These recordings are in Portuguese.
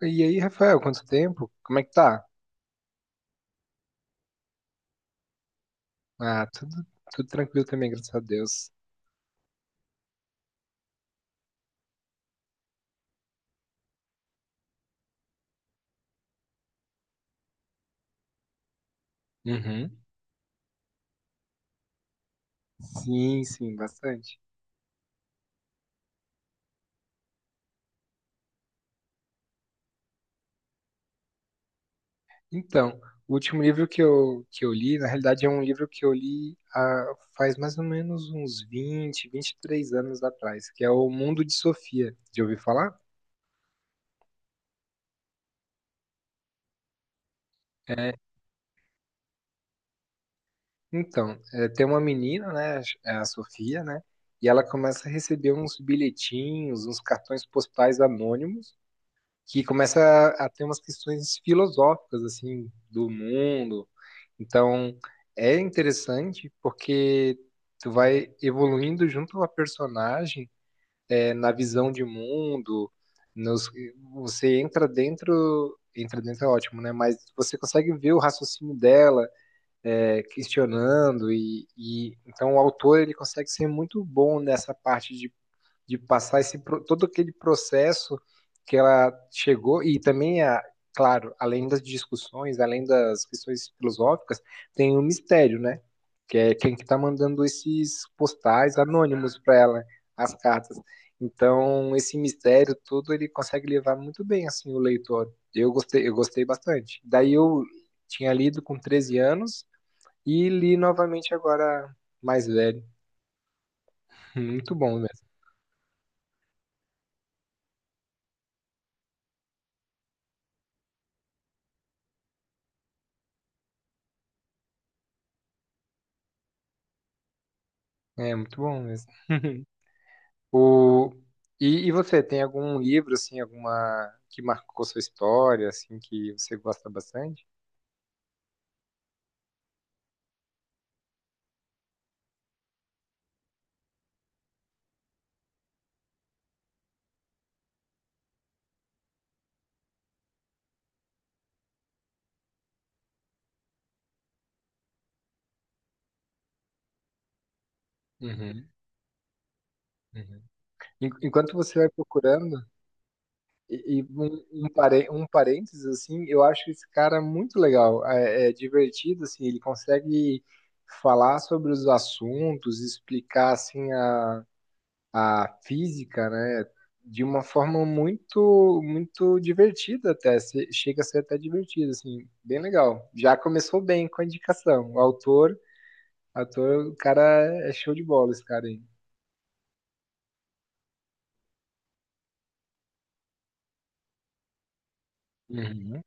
E aí, Rafael, quanto tempo? Como é que tá? Ah, tudo tranquilo também, graças a Deus. Uhum. Sim, sim, bastante. Então, o último livro que eu li, na realidade, é um livro que eu li há, faz mais ou menos uns 20, 23 anos atrás, que é O Mundo de Sofia. Já ouviu falar? É, então, tem uma menina, né, é a Sofia, né, e ela começa a receber uns bilhetinhos, uns cartões postais anônimos, que começa a ter umas questões filosóficas assim do mundo. Então é interessante porque tu vai evoluindo junto à personagem na visão de mundo. Nos, você entra dentro é ótimo, né? Mas você consegue ver o raciocínio dela questionando e então o autor ele consegue ser muito bom nessa parte de passar todo aquele processo que ela chegou, e também, claro, além das discussões, além das questões filosóficas, tem o mistério, né? Que é quem que tá mandando esses postais anônimos para ela, as cartas. Então, esse mistério todo ele consegue levar muito bem assim o leitor. Eu gostei bastante. Daí eu tinha lido com 13 anos e li novamente agora mais velho. Muito bom mesmo. É, muito bom mesmo. O... e você, tem algum livro, assim, alguma que marcou sua história, assim, que você gosta bastante? Uhum, uhum. Enquanto você vai procurando, e um parênteses, assim, eu acho esse cara muito legal, é divertido, assim, ele consegue falar sobre os assuntos, explicar, assim, a física, né, de uma forma muito, muito divertida até, chega a ser até divertido, assim, bem legal. Já começou bem com a indicação. O autor, ator, o cara é show de bola, esse cara aí. Uhum,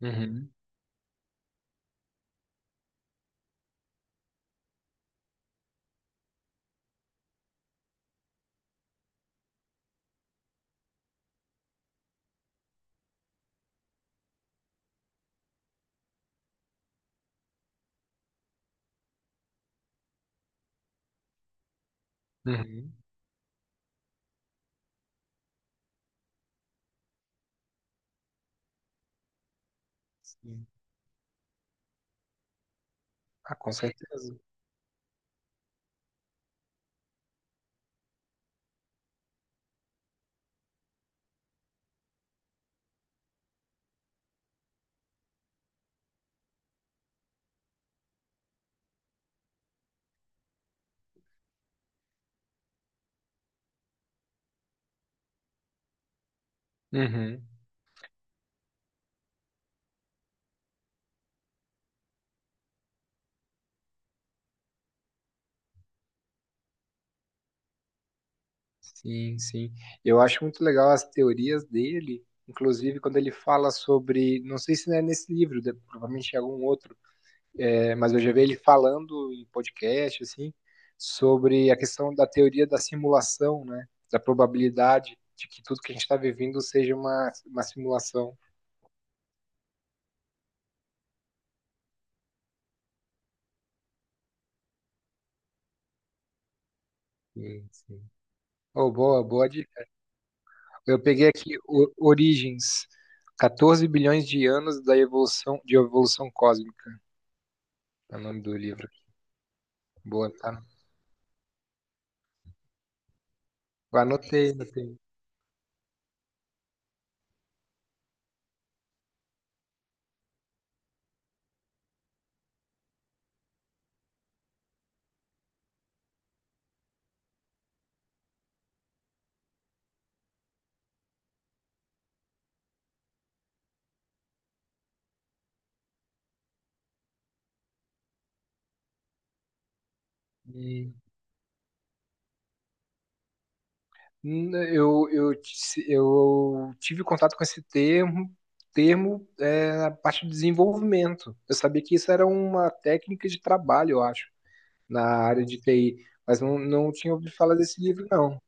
uhum, uhum, sim. Ah, com certeza. Uhum, sim, sim. Eu acho muito legal as teorias dele, inclusive quando ele fala sobre, não sei se não é nesse livro, provavelmente é algum outro, mas eu já vi ele falando em podcast, assim, sobre a questão da teoria da simulação, né? Da probabilidade de que tudo que a gente está vivendo seja uma simulação. Sim, sim. Oh, boa, boa dica. Eu peguei aqui Origens, 14 bilhões de anos da evolução de evolução cósmica, é o nome do livro aqui. Boa, tá? Anotei, anotei. Hum. Eu tive contato com esse termo, na parte de desenvolvimento. Eu sabia que isso era uma técnica de trabalho, eu acho, na área de TI, mas não, não tinha ouvido falar desse livro, não.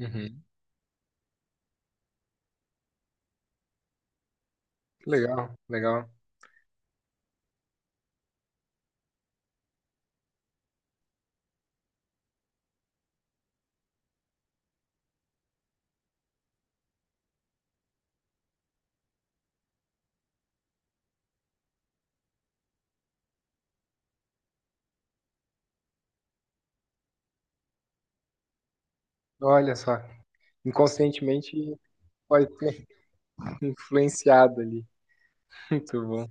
Uhum. Legal, legal. Olha só, inconscientemente pode ter influenciado ali. Muito bom.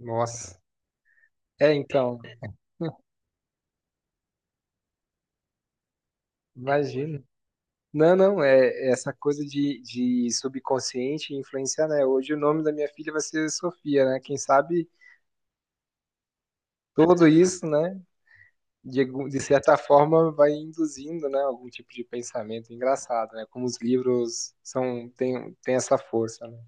Nossa. É, então, imagina. Não, não, é essa coisa de subconsciente influenciar, né? Hoje o nome da minha filha vai ser Sofia, né? Quem sabe tudo isso, né? De certa forma vai induzindo, né? Algum tipo de pensamento engraçado, né? Como os livros são, tem essa força, né?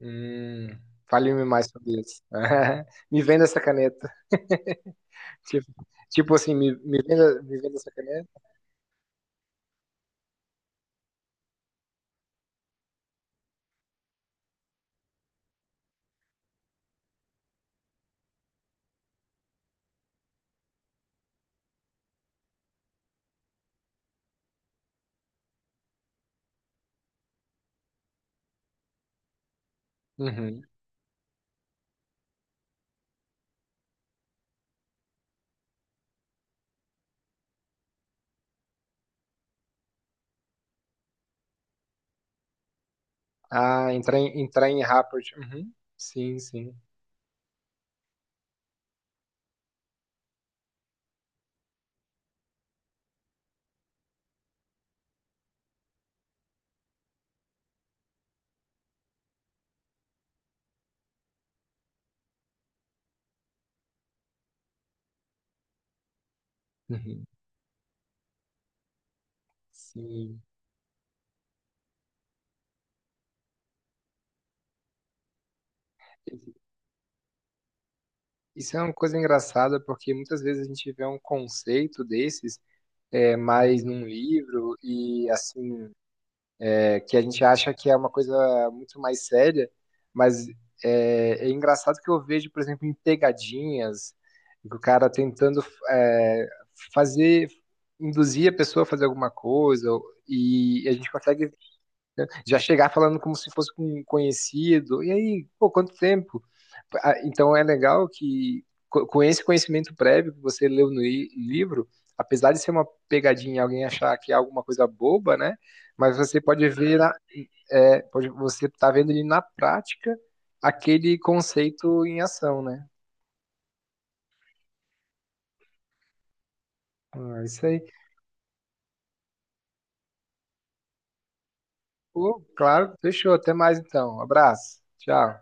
Hum, Fale-me mais sobre isso. Me venda essa caneta. Tipo, tipo assim, me venda essa caneta. Uhum. Ah, entrar em rapport. Uhum. Sim, sim. Uhum. Sim. Isso é uma coisa engraçada, porque muitas vezes a gente vê um conceito desses mais num livro e assim que a gente acha que é uma coisa muito mais séria, mas é engraçado que eu vejo, por exemplo, em pegadinhas, o cara tentando é, fazer, induzir a pessoa a fazer alguma coisa, e a gente consegue já chegar falando como se fosse um conhecido. E aí, pô, quanto tempo? Ah, então é legal que com esse conhecimento prévio que você leu no livro, apesar de ser uma pegadinha, alguém achar que é alguma coisa boba, né? Mas você pode ver, você tá vendo ali na prática aquele conceito em ação, né? Ah, é isso aí. Pô, claro, fechou. Até mais então. Abraço. Tchau.